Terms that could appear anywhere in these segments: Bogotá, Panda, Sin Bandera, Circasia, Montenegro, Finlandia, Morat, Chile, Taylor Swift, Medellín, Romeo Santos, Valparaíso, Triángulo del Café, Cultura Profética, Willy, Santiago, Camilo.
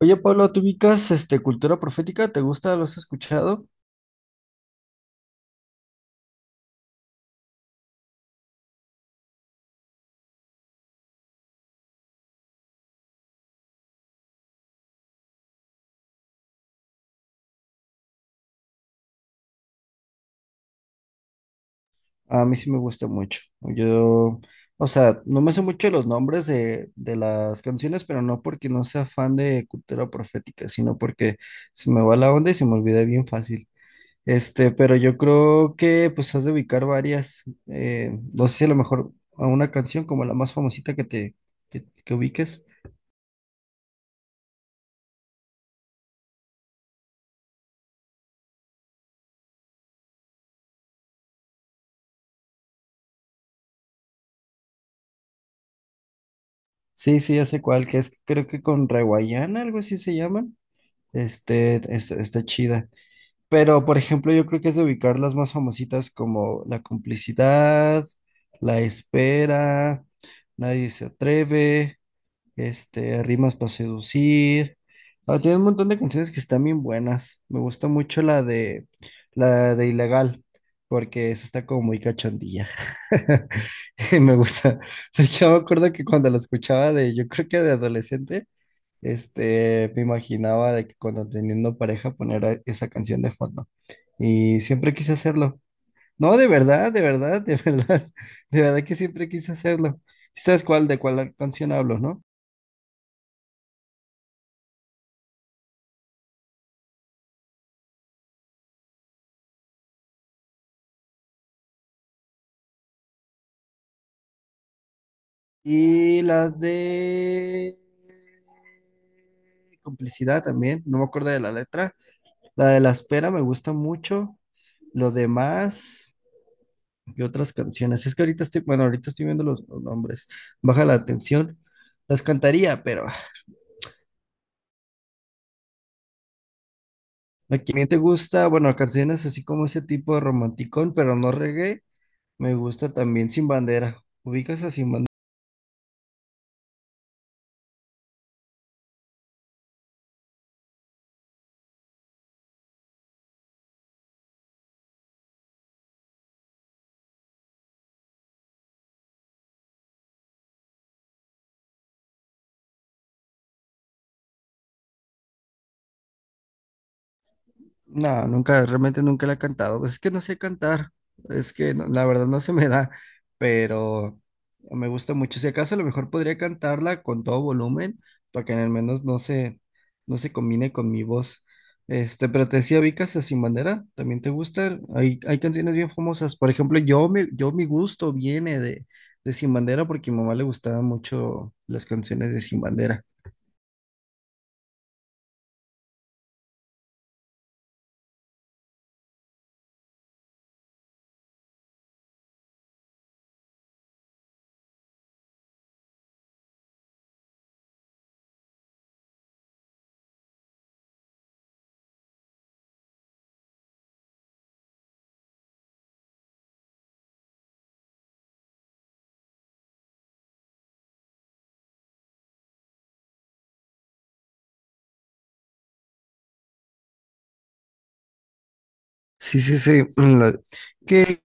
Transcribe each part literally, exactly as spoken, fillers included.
Oye, Pablo, ¿tú ubicas este, cultura profética? ¿Te gusta? ¿Lo has escuchado? A mí sí me gusta mucho. Yo, o sea, no me sé mucho los nombres de, de las canciones, pero no porque no sea fan de cultura profética, sino porque se me va la onda y se me olvida bien fácil. Este, pero yo creo que pues has de ubicar varias, eh, no sé si a lo mejor a una canción como la más famosita que te que, que ubiques. Sí, sí, ya sé cuál, que es creo que con Reguayana, algo así se llaman. Este, este, está chida. Pero, por ejemplo, yo creo que es de ubicar las más famositas como La Complicidad, La Espera, Nadie se atreve este, Rimas para seducir. Ah, tiene un montón de canciones que están bien buenas. Me gusta mucho la de la de Ilegal, porque esa está como muy cachondilla. Y me gusta. De hecho, me acuerdo que cuando la escuchaba de, yo creo que de adolescente, este, me imaginaba de que cuando teniendo pareja poner a- esa canción de fondo. Y siempre quise hacerlo. No, de verdad, de verdad, de verdad, de verdad que siempre quise hacerlo. ¿Sí ¿Sabes cuál, de cuál canción hablo, no? Y las de complicidad también, no me acuerdo de la letra. La de La Espera me gusta mucho. Lo demás, ¿qué otras canciones? Es que ahorita estoy, bueno, ahorita estoy viendo los, los nombres. Baja la atención. Las cantaría, pero la que bien te gusta, bueno, canciones así como ese tipo de romanticón, pero no reggae, me gusta también Sin Bandera. ¿Ubicas a Sin Bandera? No, nunca, realmente nunca la he cantado. Pues es que no sé cantar. Es que no- la verdad no se me da, pero me gusta mucho. Si acaso a lo mejor podría cantarla con todo volumen para que al menos no se, no se combine con mi voz. Este, pero te decía, Vicas Sin Bandera, ¿también te gustan? Hay, hay canciones bien famosas. Por ejemplo, yo, me, yo mi gusto viene de, de Sin Bandera porque a mi mamá le gustaban mucho las canciones de Sin Bandera. Sí, sí, sí. la- ¿Qué?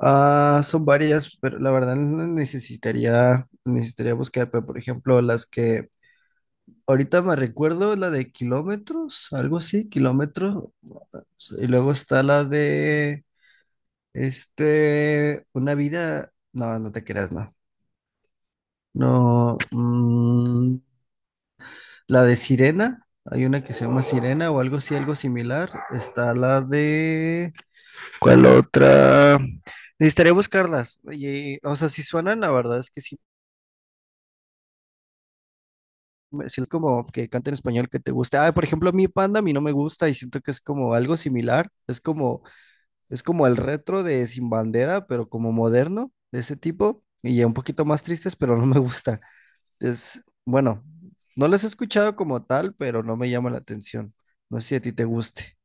Ah, son varias, pero la verdad no necesitaría, necesitaría buscar, pero por ejemplo, las que ahorita me recuerdo, la de kilómetros, algo así, kilómetros, y luego está la de, este, una vida, no, no te creas, no, no, mm, la de Sirena, hay una que se llama Sirena o algo así, algo similar, está la de, ¿cuál otra? Necesitaría buscarlas, y, o sea, si suenan, la verdad es que sí sino como que canta en español que te guste. Ah, por ejemplo, a mí Panda a mí no me gusta y siento que es como algo similar. Es como, es como el retro de Sin Bandera, pero como moderno, de ese tipo. Y ya un poquito más tristes, pero no me gusta. Es, bueno, no los he escuchado como tal, pero no me llama la atención. No sé si a ti te guste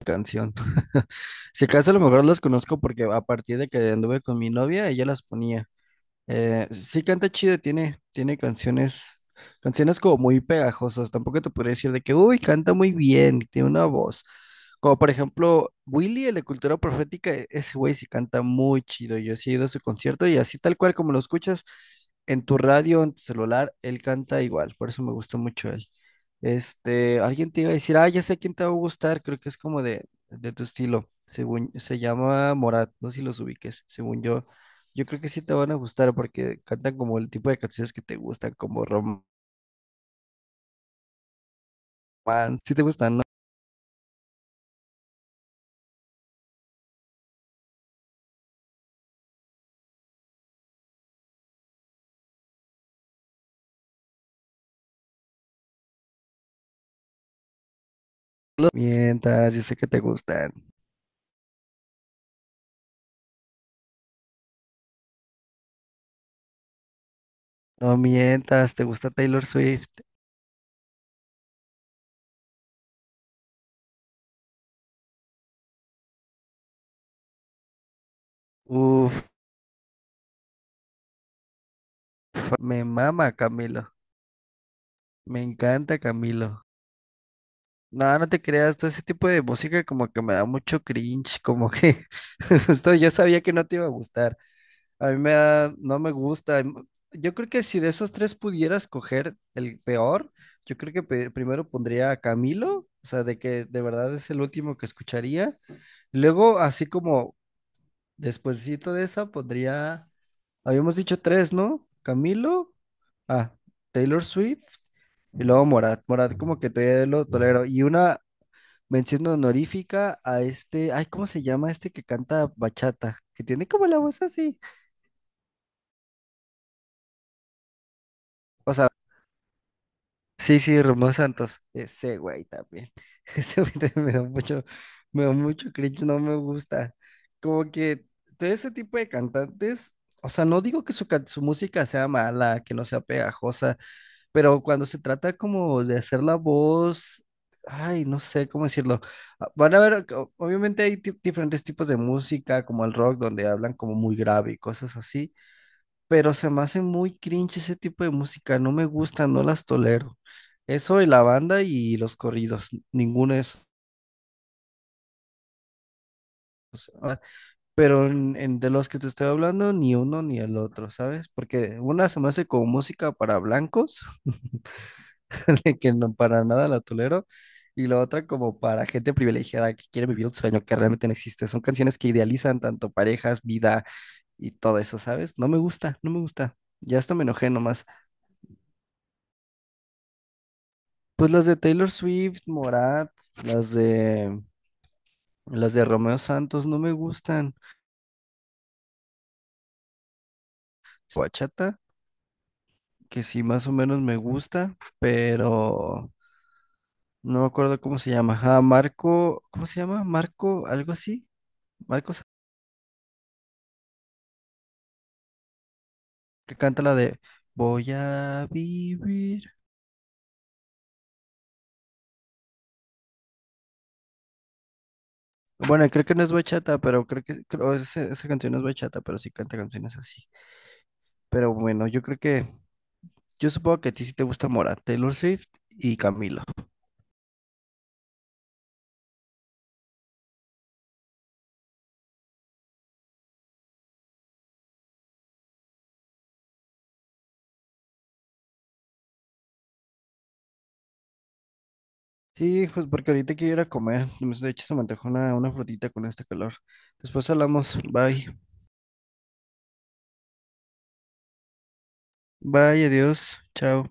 la canción. Si acaso a lo mejor los conozco porque a partir de que anduve con mi novia, ella las ponía. Eh, sí canta chido, tiene, tiene canciones, canciones como muy pegajosas. Tampoco te podría decir de que, uy, canta muy bien, tiene una voz. Como por ejemplo, Willy, el de Cultura Profética, e- ese güey sí canta muy chido. Yo sí he ido a su concierto y así tal cual como lo escuchas en tu radio, en tu celular, él canta igual. Por eso me gusta mucho él. Este, alguien te iba a decir, ah, ya sé quién te va a gustar, creo que es como de, de tu estilo, según, se llama Morat, no sé si los ubiques, según yo, yo creo que sí te van a gustar porque cantan como el tipo de canciones que te gustan, como romance, si te gustan, no lo mientas, yo sé que te gustan, no mientas, te gusta Taylor Swift, uff, me mama Camilo, me encanta Camilo. No, no te creas, todo ese tipo de música como que me da mucho cringe, como que justo yo sabía que no te iba a gustar. A mí me da, no me gusta. Em, Yo creo que si de esos tres pudiera escoger el peor, yo creo que pe- primero pondría a Camilo, o sea, de que de verdad es el último que escucharía. Luego, así como despuesito de esa, pondría, habíamos dicho tres, ¿no? Camilo, ah, Taylor Swift y luego Morat. Morat como que todavía lo tolero. Y una mención honorífica a este, ay, ¿cómo se llama este que canta bachata? Que tiene como la voz así. O sea, sí, sí, Romeo Santos. Ese güey también. Ese güey también me da mucho, me da mucho cringe, no me gusta. Como que todo ese tipo de cantantes, o sea, no digo que su, can- su música sea mala, que no sea pegajosa, pero cuando se trata como de hacer la voz, ay, no sé cómo decirlo. Ah, van a ver, o- obviamente hay ti- diferentes tipos de música, como el rock, donde hablan como muy grave y cosas así pero se me hace muy cringe ese tipo de música, no me gusta, no las tolero. Eso y la banda y los corridos, ninguno de esos. ah, Pero en, en- de los que te estoy hablando, ni uno ni el otro, ¿sabes? Porque una se me hace como música para blancos, de que no para nada la tolero, y la otra como para gente privilegiada que quiere vivir un sueño que realmente no existe. Son canciones que idealizan tanto parejas, vida y todo eso, ¿sabes? No me gusta, no me gusta. Ya hasta me enojé nomás. Pues las de Taylor Swift, Morat, las de las de Romeo Santos no me gustan. Bachata, que sí más o menos me gusta, pero no me acuerdo cómo se llama. Ah, Marco, ¿cómo se llama? Marco, algo así. Marco Sa- que canta la de Voy a vivir. Bueno, creo que no es bachata, pero creo que creo- esa, esa canción no es bachata, pero sí canta canciones así. Pero bueno, yo creo que yo supongo que a ti sí te gusta Mora, Taylor Swift y Camilo. Sí, pues porque ahorita quiero ir a comer. De hecho, se me antojó una, una frutita con este calor. Después hablamos. Bye. Bye, adiós. Chao.